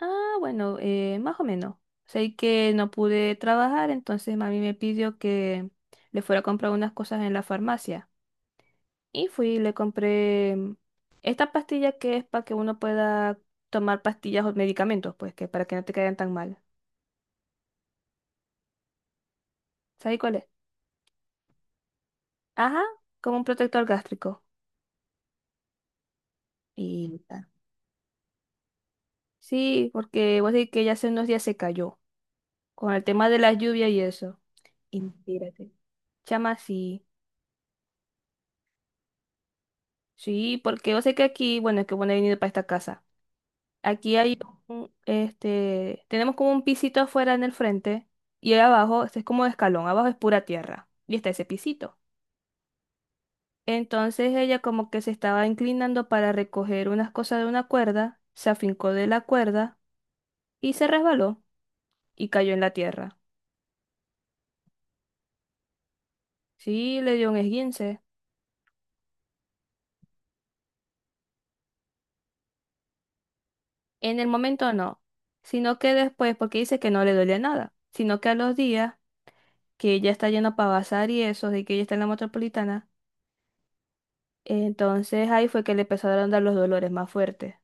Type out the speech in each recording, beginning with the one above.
Ah, bueno, más o menos. Sé que no pude trabajar, entonces mami me pidió que le fuera a comprar unas cosas en la farmacia. Y fui y le compré esta pastilla que es para que uno pueda tomar pastillas o medicamentos, pues que para que no te caigan tan mal. ¿Sabes cuál es? Ajá, como un protector gástrico. Y tal. Sí, porque vos decís que ya hace unos días se cayó con el tema de la lluvia y eso. Y mírate. Chama, sí. Sí, porque yo sé que aquí, bueno, es que bueno, he venido para esta casa. Aquí hay un, este, tenemos como un pisito afuera en el frente y ahí abajo, este es como de escalón, abajo es pura tierra y está ese pisito. Entonces ella como que se estaba inclinando para recoger unas cosas de una cuerda, se afincó de la cuerda y se resbaló y cayó en la tierra. Sí, le dio un esguince. En el momento no, sino que después, porque dice que no le duele nada, sino que a los días que ella está yendo para bazar y eso, de que ella está en la metropolitana. Entonces ahí fue que le empezaron a dar los dolores más fuertes.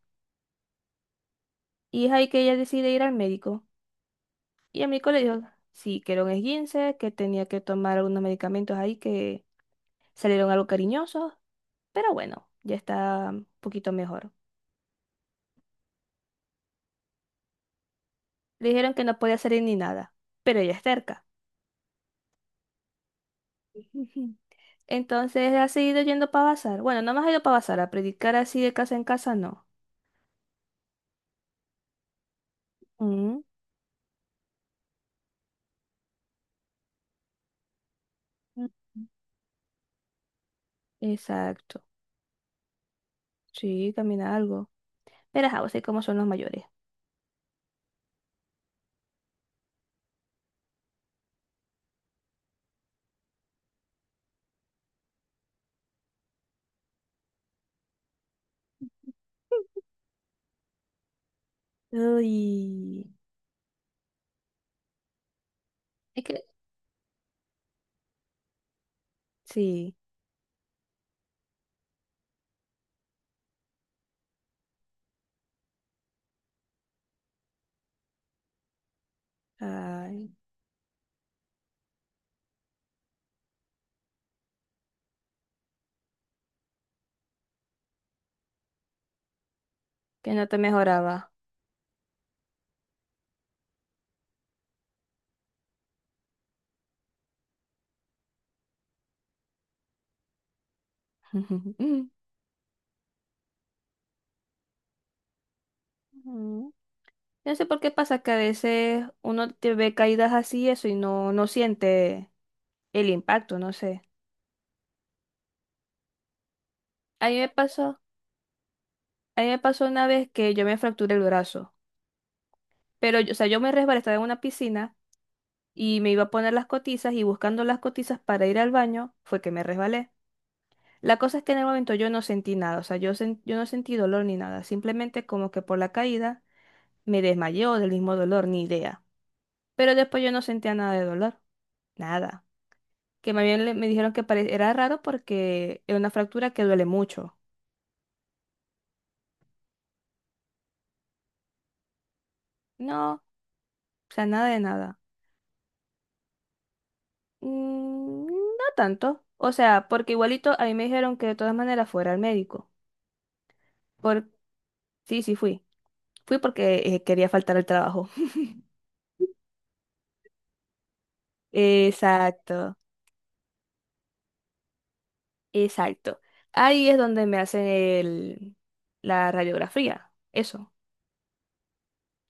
Y es ahí que ella decide ir al médico. Y el médico le dijo, sí, que era un esguince, que tenía que tomar algunos medicamentos ahí que salieron algo cariñosos, pero bueno, ya está un poquito mejor. Le dijeron que no podía salir ni nada, pero ella es terca. Ujú. Entonces ha seguido yendo para bazar. Bueno, no más ha ido para bazar, a predicar así de casa en casa, no. Mm. Exacto. Sí, camina algo. Pero ajá, vos sabés cómo son los mayores. Uy. Es que sí. Ay, que no te mejoraba. Mm. No sé por qué pasa que a veces uno te ve caídas así eso y no, no siente el impacto, no sé. A mí me pasó, a mí me pasó una vez que yo me fracturé el brazo, pero yo, o sea, yo me resbalé, estaba en una piscina y me iba a poner las cotizas y buscando las cotizas para ir al baño fue que me resbalé. La cosa es que en el momento yo no sentí nada, o sea, yo no sentí dolor ni nada, simplemente como que por la caída. Me desmayé o del mismo dolor, ni idea. Pero después yo no sentía nada de dolor, nada. Que más bien me dijeron que era raro porque era una fractura que duele mucho. No, o sea, nada de nada. Mm, no tanto. O sea, porque igualito a mí me dijeron que de todas maneras fuera al médico. Por... Sí, sí fui. Fui porque quería faltar al trabajo. Exacto, exacto. Ahí es donde me hacen el... la radiografía. Eso.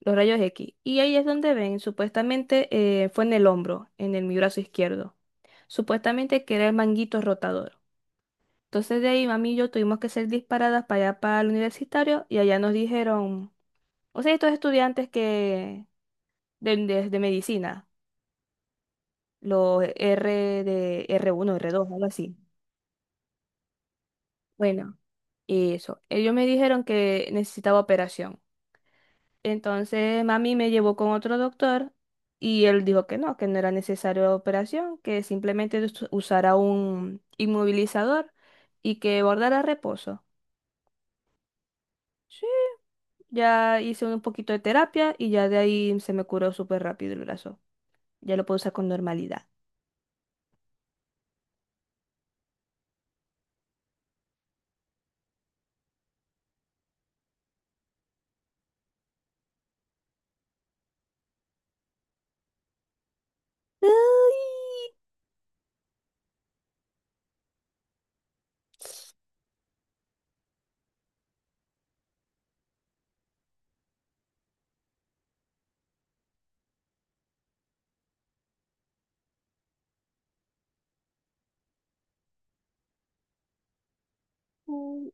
Los rayos X. Y ahí es donde ven, supuestamente fue en el hombro, en el, mi brazo izquierdo. Supuestamente que era el manguito rotador. Entonces de ahí mami y yo tuvimos que ser disparadas para allá para el universitario y allá nos dijeron, o sea, estos estudiantes que de medicina, los R de r uno r dos algo así. Bueno, y eso. Ellos me dijeron que necesitaba operación. Entonces mami me llevó con otro doctor y él dijo que no era necesaria la operación, que simplemente usara un inmovilizador y que guardara reposo. Sí, ya hice un poquito de terapia y ya de ahí se me curó súper rápido el brazo. Ya lo puedo usar con normalidad. Uy.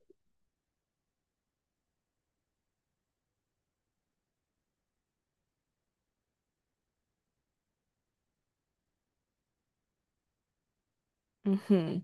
Ujú.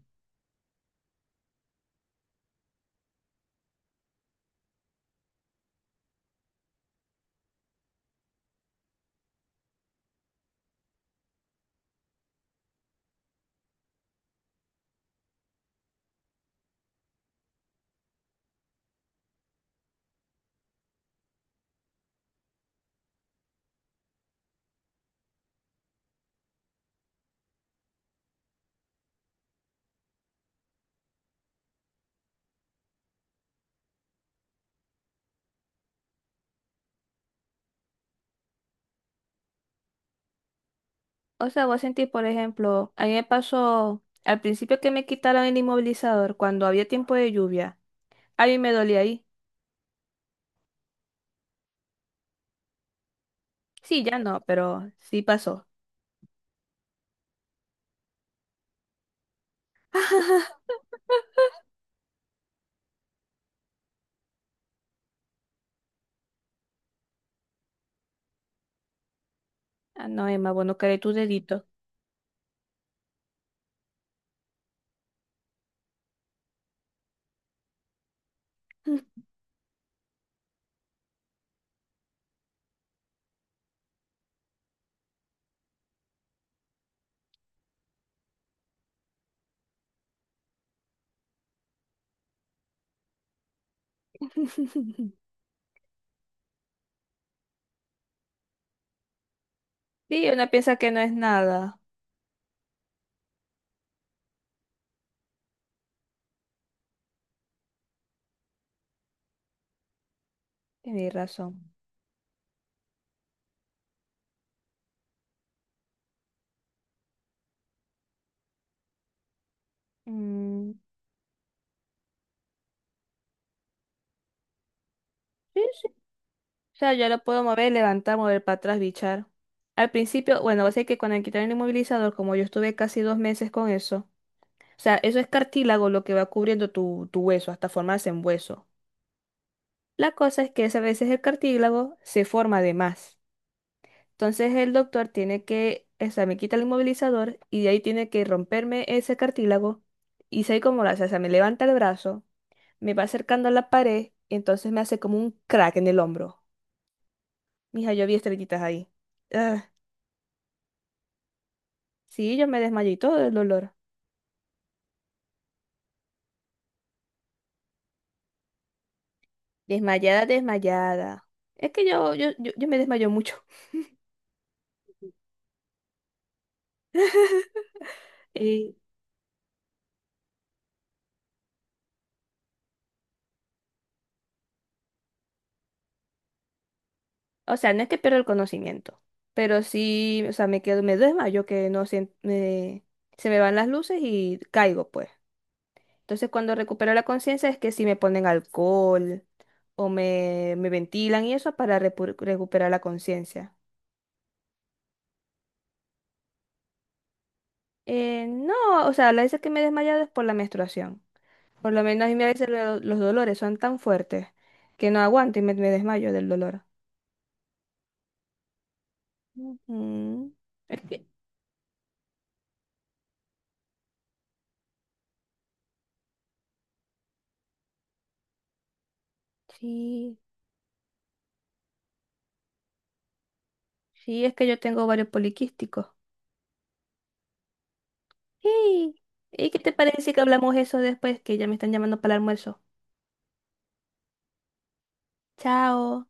O sea, vos sentís, por ejemplo, a mí me pasó al principio que me quitaron el inmovilizador cuando había tiempo de lluvia. A mí me dolía ahí. Sí, ya no, pero sí pasó. Ah, no, Emma, bueno, caeré tu dedito. Sí, una piensa que no es nada. Tienes razón. Mm, sí, sí. O sea, yo lo puedo mover, levantar, mover para atrás, bichar. Al principio, bueno, sé que cuando me quitaron el inmovilizador, como yo estuve casi 2 meses con eso, o sea, eso es cartílago lo que va cubriendo tu, tu hueso hasta formarse en hueso. La cosa es que a veces el cartílago se forma de más. Entonces el doctor tiene que, o sea, me quita el inmovilizador y de ahí tiene que romperme ese cartílago. Y sé cómo lo hace, o sea, me levanta el brazo, me va acercando a la pared y entonces me hace como un crack en el hombro. Mija, yo vi estrellitas ahí. Ah, sí, yo me desmayé y todo el dolor. Desmayada, desmayada. Es que yo me desmayo mucho. Y, o sea, no es que pierdo el conocimiento, pero sí, o sea, me quedo, me desmayo que no sien- me- se me van las luces y caigo, pues. Entonces, cuando recupero la conciencia es que si me ponen alcohol o me ventilan y eso para recuperar la conciencia. No, o sea, la veces que me he desmayado es por la menstruación. Por lo menos a mí a veces los dolores son tan fuertes que no aguanto y me desmayo del dolor. Ujú. Es que, sí, sí, es que yo tengo varios poliquísticos. Sí. ¿Y qué te parece que hablamos eso después? Que ya me están llamando para el almuerzo. Chao.